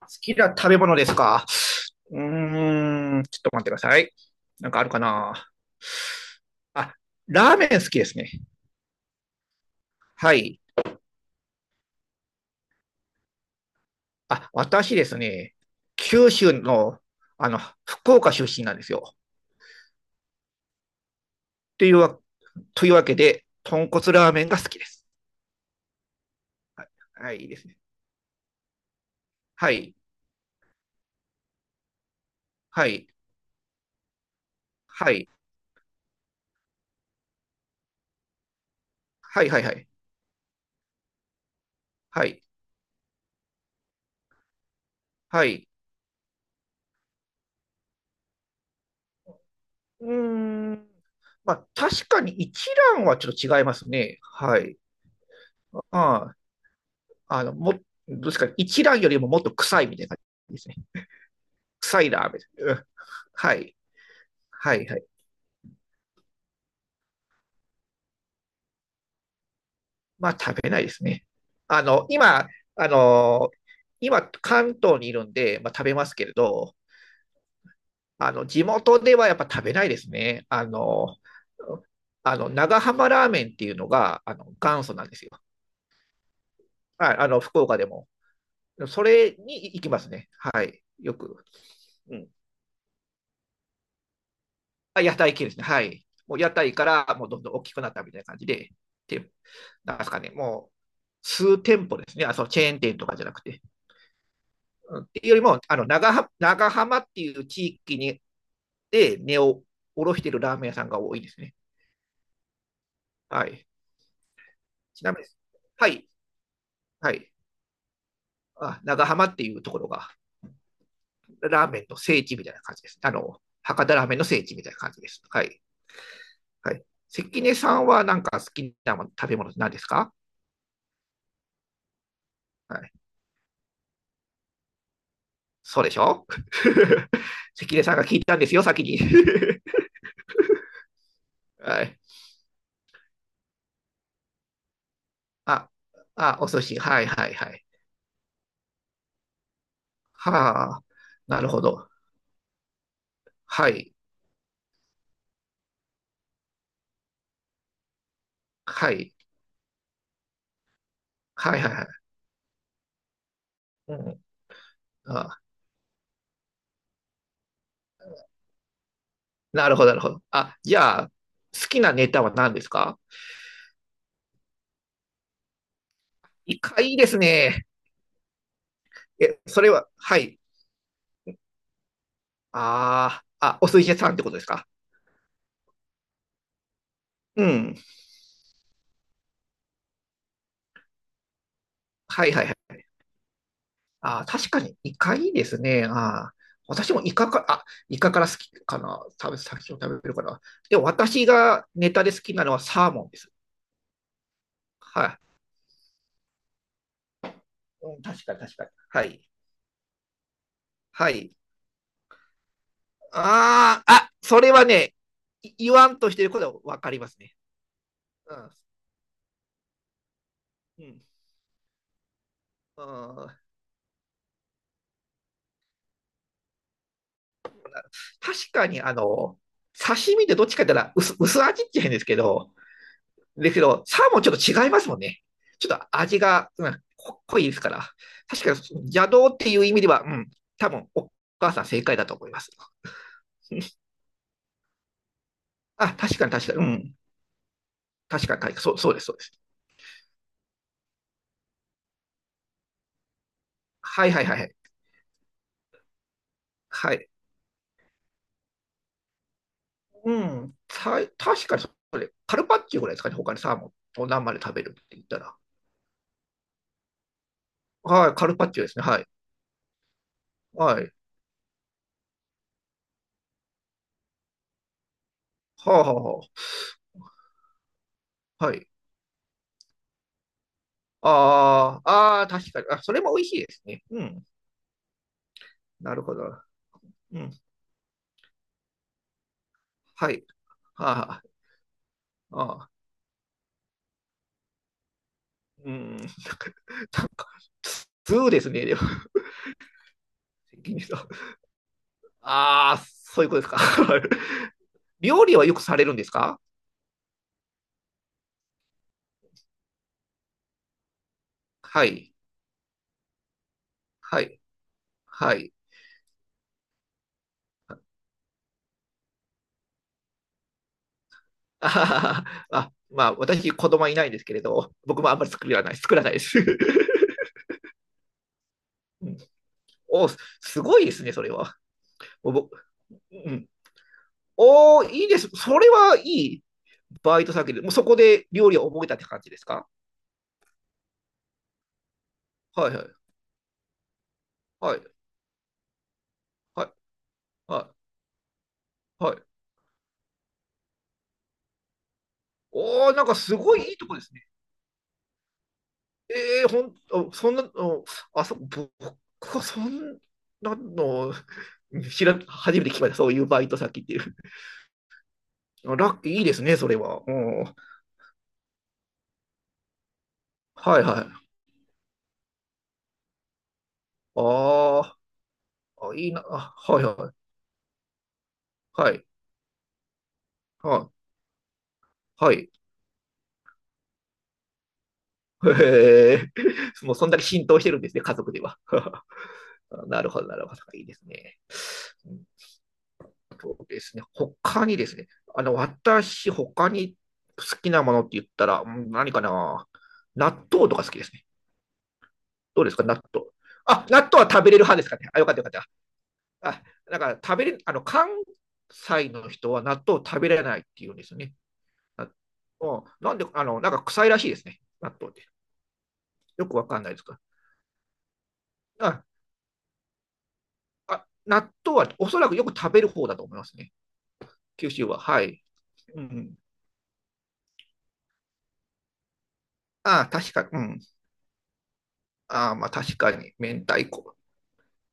好きな食べ物ですか。ちょっと待ってください。なんかあるかな。あ、ラーメン好きですね。はい。私ですね、九州の、あの、福岡出身なんですよ。というわ、というわけで、豚骨ラーメンが好きです。はい、いいですね。はい、はい、はい、はい、はい、はい、はい、はい。うーん。まあ、確かに一蘭はちょっと違いますね。はい。ああの、も、どうですか、一蘭よりももっと臭いみたいな感じですね。臭いラーメン。うん、はい。はい、はい。まあ、食べないですね。あの、今、あの、今、関東にいるんで、まあ、食べますけれど、あの、地元ではやっぱ食べないですね。あの、長浜ラーメンっていうのが、あの、元祖なんですよ。はい、あの、福岡でも。それに行きますね。はい。よく。うん。あ、屋台系ですね。はい。もう屋台からもうどんどん大きくなったみたいな感じで、てなんですかね、もう数店舗ですね。あ、そのチェーン店とかじゃなくて。うんっていうよりも、あの、長浜っていう地域に根を下ろしてるラーメン屋さんが多いですね。はい。ちなみに、はい、はい。あ、長浜っていうところが、ラーメンの聖地みたいな感じです。あの、博多ラーメンの聖地みたいな感じです。はい。はい。関根さんはなんか好きなもの食べ物何ですか？はい。そうでしょ。 関根さんが聞いたんですよ、先に。はい。あ、あ、お寿司。はい、はい、はい。はあ、なるほど。はい。はい。はい、はい、はい。うん。あ、なるほど、なるほど。あ、じゃあ、好きなネタは何ですか？イカいいですね。え、それは、はい。ああ、あ、お寿司屋さんってことですか？うん。はい、はい、はい。ああ、確かにイカいいですね。ああ、私もイカか、あ、イカから好きかな。先を食べるかな。でも私がネタで好きなのはサーモンです。はい。うん、確かに確かに。はい。はい。ああ、あ、それはね、言わんとしてることはわかりますね。うん。うん。うん、確かに、あの、刺身でどっちかって言ったら薄味っちゃうんですけど、ですけど、サーモンちょっと違いますもんね。ちょっと味が、うん、濃いですから。確かに邪道っていう意味では、うん、多分お母さん正解だと思います。あ、確かに確かに、うん、確かに確かに、そうです、そうです。はい、はい、はい、はい。うん、た確かに、それ、カルパッチョぐらいですかね、他にサーモンを生で食べるって言ったら。はい、カルパッチョですね、はい。はい。はあ、はあははい。ああ、ああ、確かに。あ、それも美味しいですね。うん。なるほど。うん。はい。はあはあ、ああ、うん、なんか、なんか、そうですね、でも、責任者ああ、そういうことですか。料理はよくされるんですか？はい、はい、はい。あはははあ、まあ、私、子供はいないんですけれど、僕もあんまり作らないです。うんお、すごいですね、それは。お、ぼうん、おー、いいです。それはいい。バイト先で、もうそこで料理を覚えたって感じですか？はい、はい。はい。はい。はい。はい。おー、なんかすごいいいとこですね。えー、ほん、あそんな、のあ、そ、僕はそんなの、初めて聞きました。そういうバイト先っていう。あ、ラッキーいいですね、それは。うん。はい、はい。あーあ、いいな。あ、はい、はい。はい。はい。はい。へえ。もうそんだけ浸透してるんですね、家族では。なるほど、なるほど。いいですね。他にですね、あの、私、他に好きなものって言ったら、うん、何かな。納豆とか好きですね。どうですか、納豆。あ、納豆は食べれる派ですかね。あ、よかった、よかった。あ、だから食べれ、あの、関西の人は納豆を食べれないっていうんですよね。納豆なんで、あの、なんか臭いらしいですね、納豆って。よくわかんないですか。あ、あ、納豆はおそらくよく食べる方だと思いますね。九州は。はい。うん。ああ、確かに、うん。ああ、まあ確かに、明太子。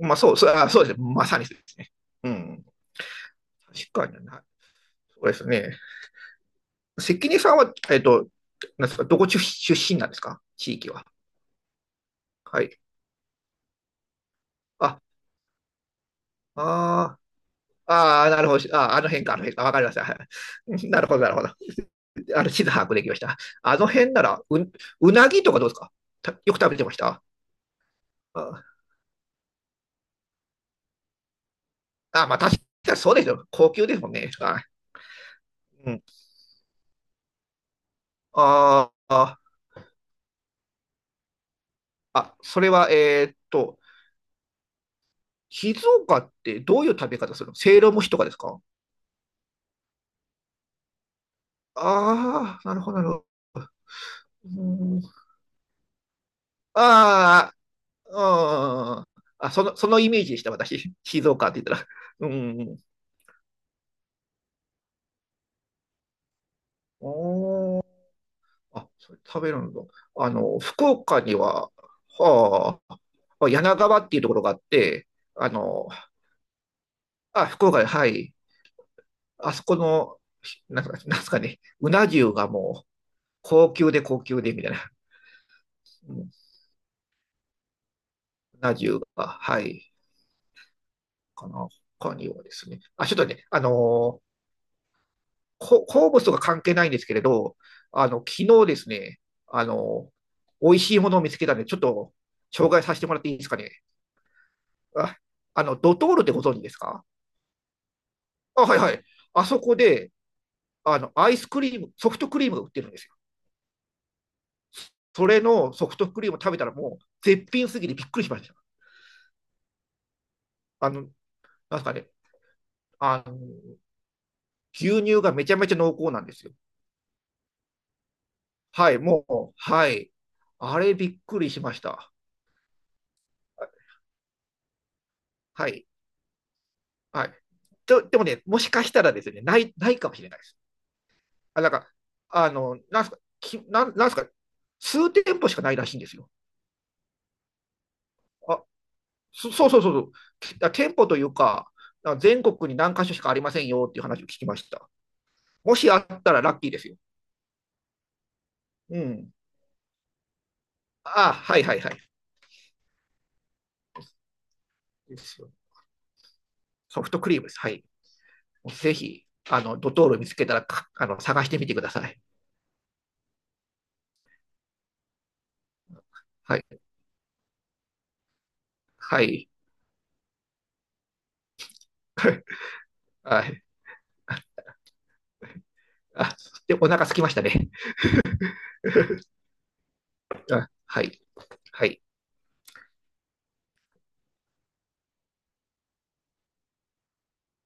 そうですね。まさにそうですね。うん。確かにな。そうですね。関根さんは、えっと、なんですか、どこ出身なんですか、地域は。はい。あ、あー、あー、なるほど。あー、あの辺か、あの辺か。わかりました。はい。 なるほど、なるほど。あの、地図把握できました。あの辺なら、うなぎとかどうですか？たよく食べてました。ああ、まあ確かにそうですよ。高級ですもんね。はい。うん。あーあ、あ、それは、えーっと、静岡ってどういう食べ方するの、せいろ蒸しとかですか？ああ、なるほど、なるほど。うん、ああ、うん。あ、そのイメージでした、私。静岡って言ったら。うん。おー、あ、それ食べるんだ。あの、福岡には、はあ、柳川っていうところがあって、あの、あ、福岡で、はい。あそこの、なんすかね、うな重がもう、高級で高級で、みたいな。うん、うな重が、はい。かな。他にはですね。あ、ちょっとね、あのー、こ物とか関係ないんですけれど、あの、昨日ですね、あの、美味しいものを見つけたんで、ちょっと紹介させてもらっていいですかね。あ、あの、ドトールってご存知ですか？あ、はい、はい。あそこで、あの、アイスクリーム、ソフトクリームが売ってるんですよ。それのソフトクリームを食べたらもう絶品すぎてびっくりしました。あの、なんすかね、あの、牛乳がめちゃめちゃ濃厚なんですよ。はい、もう、はい。あれびっくりしました。はい。はい。と、でもね、もしかしたらですね、ないかもしれないです。あ、なんか、あの、なんすか、き、なん、なんすか、数店舗しかないらしいんですよ。あ、そうそうそうそう。きあ店舗というか、あ、全国に何箇所しかありませんよっていう話を聞きました。もしあったらラッキーですよ。うん。あ、はい、はい、はい。ですよ。ソフトクリームです。はい。ぜひ、あの、ドトール見つけたら、あの、探してみてください。はい。はい。はい。あ、あ、で、お腹空きましたね。あ、はい。はい。